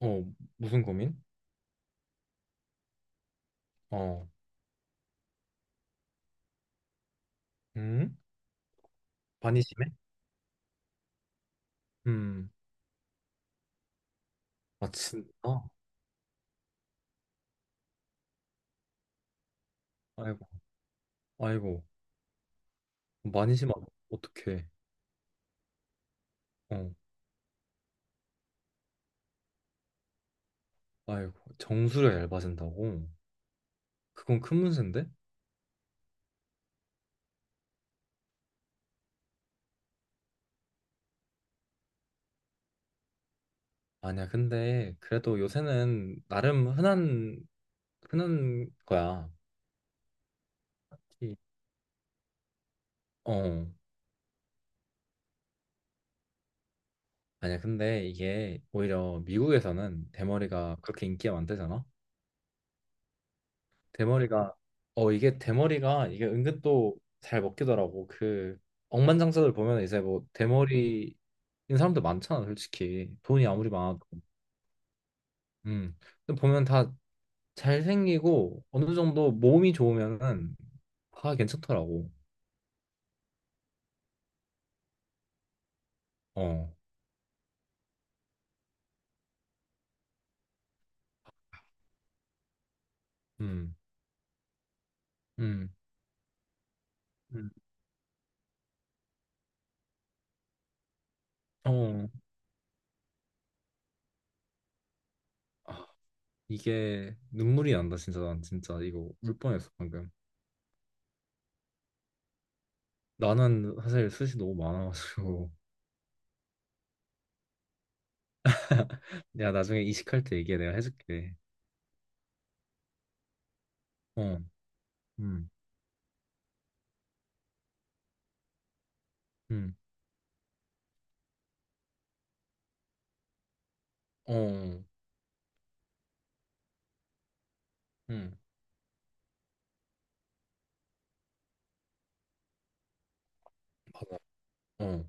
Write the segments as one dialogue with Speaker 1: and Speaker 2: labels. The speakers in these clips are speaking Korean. Speaker 1: 어, 무슨 고민? 어, 음? 많이 심해? 음, 아, 진짜? 아이고, 아이고, 많이 심하다. 어떡해. 어, 아이고, 정수료 얇아진다고? 그건 큰 문제인데? 아니야, 근데 그래도 요새는 나름 흔한 거야. 이- 어, 아니야, 근데 이게 오히려 미국에서는 대머리가 그렇게 인기가 많대잖아? 대머리가. 이게 대머리가 이게 은근 또 잘 먹히더라고. 그 억만장자들 보면 이제 뭐 대머리인 사람들 많잖아, 솔직히. 돈이 아무리 많아도. 음. 근데 보면 다 잘생기고 어느 정도 몸이 좋으면은 다 괜찮더라고. 어. 음. 음. 음. 어. 아, 이게 눈물이 난다. 진짜 난 진짜 이거 울 뻔했어 방금. 나는 사실 숱이 너무 많아가지고. 내가 나중에 이식할 때 얘기해. 내가 해줄게. 어. 음, 음, 어, 음, 봐아 어. 아,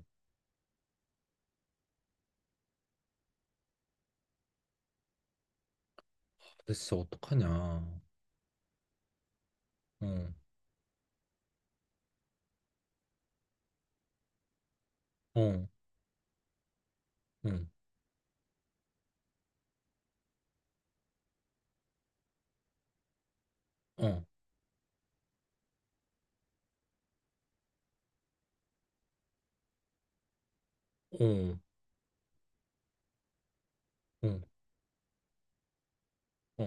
Speaker 1: 나 진짜 어떡하냐. 어, 어, 응. 어, 어, 어, 어,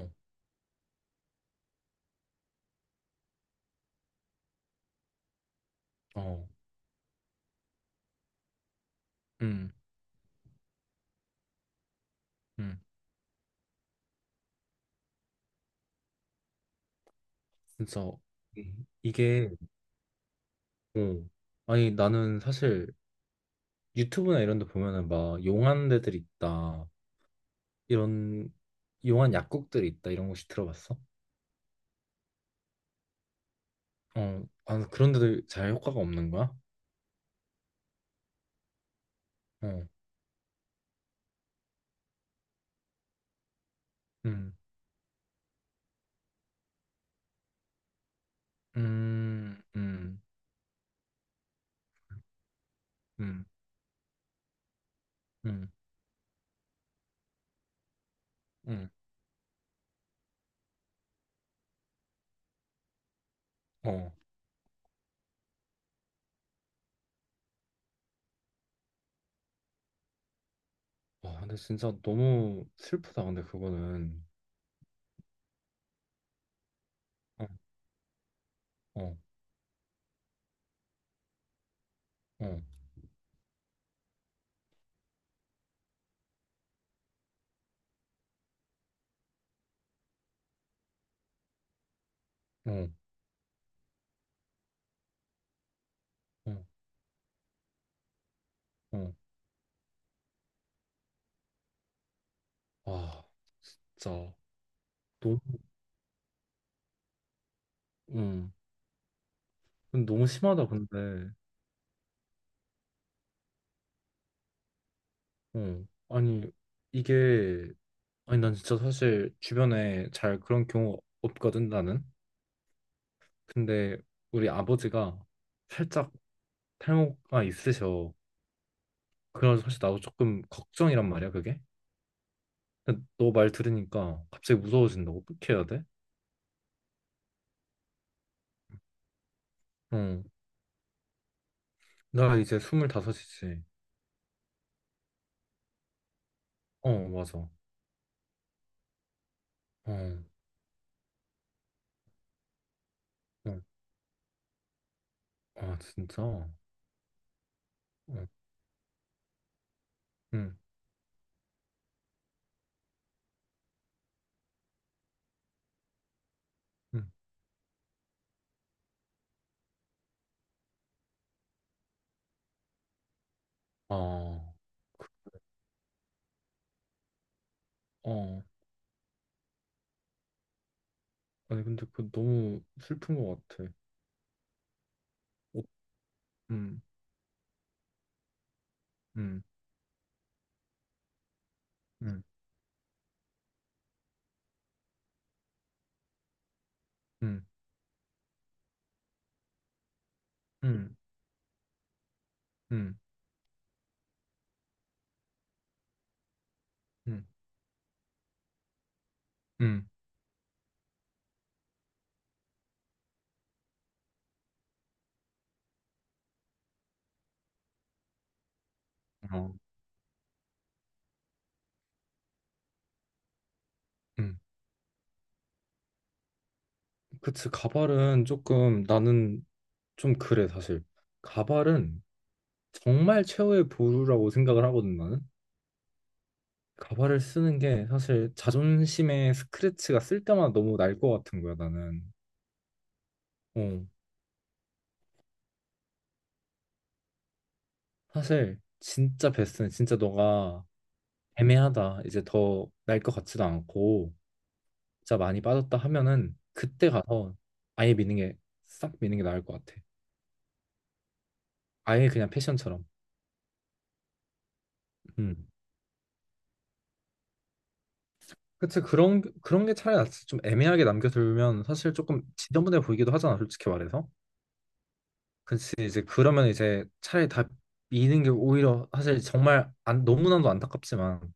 Speaker 1: 어, 음, 음. 진짜. 이- 이게, 어. 아니, 나는 사실 유튜브나 이런 데 보면은 막 용한 데들이 있다. 이런, 용한 약국들이 있다. 이런 곳이 들어봤어? 어, 아, 그런 데도 잘 효과가 없는 거야? 어, 음, 음, 음, 음, 음, 음, 어. 아, 근데 진짜 너무 슬프다. 근데 그거는 어, 어, 어, 어, 어, 어. 아, 진짜 너무, 음, 근데 너무 심하다. 근데, 어, 아니 이게 아니 난 진짜 사실 주변에 잘 그런 경우 없거든 나는. 근데 우리 아버지가 살짝 탈모가 있으셔. 그래서 사실 나도 조금 걱정이란 말이야 그게. 근데 너 말 들으니까 갑자기 무서워진다고. 어떻게 해야 돼? 응. 나 이제 스물다섯이지. 어, 맞아. 어, 어, 아, 진짜? 어, 응, 응. 아, 어. 아니, 근데 그 너무 슬픈 것 같아. 어, 음, 음, 음, 음, 음, 음, 음, 음, 어, 음. 그치, 가발은 조금 나는 좀 그래, 사실. 가발은 정말 최후의 보루라고 생각을 하거든, 나는. 가발을 쓰는 게 사실 자존심의 스크래치가 쓸 때마다 너무 날 것 같은 거야, 나는. 어. 사실 진짜 베스트는 진짜 너가 애매하다. 이제 더 날 것 같지도 않고 진짜 많이 빠졌다 하면은 그때 가서 아예 미는 게 싹 미는 게 나을 것 같아. 아예 그냥 패션처럼. 음. 그치, 그런 그런 게 차라리 낫지. 좀 애매하게 남겨두면 사실 조금 지저분해 보이기도 하잖아, 솔직히 말해서. 그치 이제 그러면 이제 차라리 다 미는 게 오히려 사실 정말 안, 너무나도 안타깝지만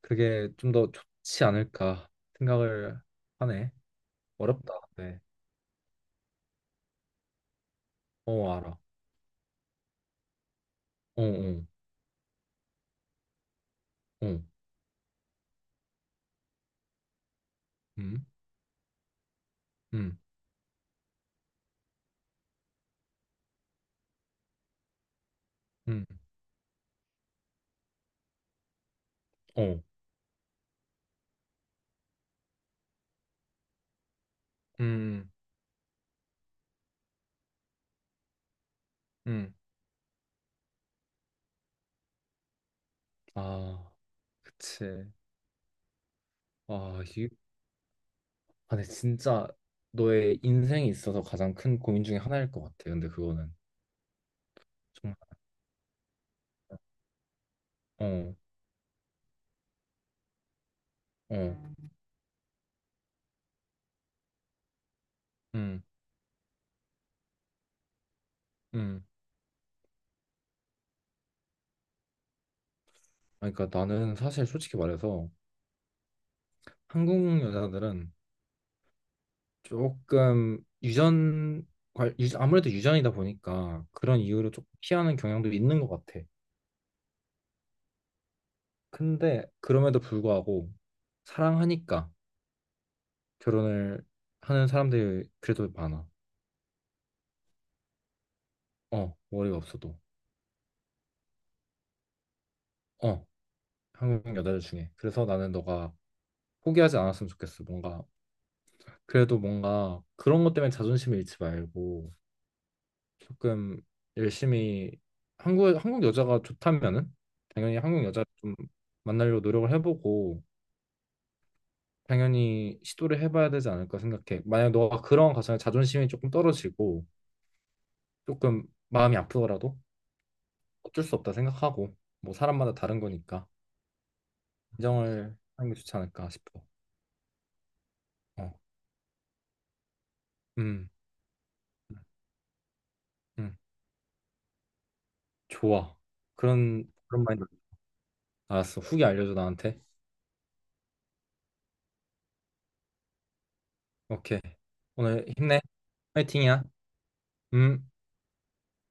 Speaker 1: 그게 좀 더 좋지 않을까 생각을 하네. 어렵다. 네. 어, 알아. 어, 어, 어. 음, 음, 음, 어, 음, 음, 아, 그치. 아, 이게, 아, 근데 진짜 너의 인생에 있어서 가장 큰 고민 중에 하나일 것 같아. 근데 그거는 정말, 어, 어, 음, 음, 아니, 그러니까 나는 사실 솔직히 말해서 한국 여자들은 조금 유전, 관- 유 아무래도 유전이다 보니까 그런 이유로 조금 피하는 경향도 있는 것 같아. 근데 그럼에도 불구하고 사랑하니까. 결혼을 하는 사람들이 그래도 많아. 어, 머리가 없어도. 어, 한국 여자들 중에. 그래서 나는 너가 포기하지 않았으면 좋겠어. 뭔가 그래도 뭔가 그런 것 때문에 자존심을 잃지 말고 조금 열심히 한국 여자가 좋다면은 당연히 한국 여자를 좀 만나려고 노력을 해보고 당연히 시도를 해봐야 되지 않을까 생각해. 만약 너가 그런 과정에 자존심이 조금 떨어지고 조금 마음이 아프더라도 어쩔 수 없다 생각하고 뭐 사람마다 다른 거니까. 인정을 하는 게 좋지 않을까 싶어. 어, 음, 음, 좋아. 그런 그런 마인드. 알았어. 후기 알려줘 나한테. 오케이. 오늘 힘내. 파이팅이야. 음.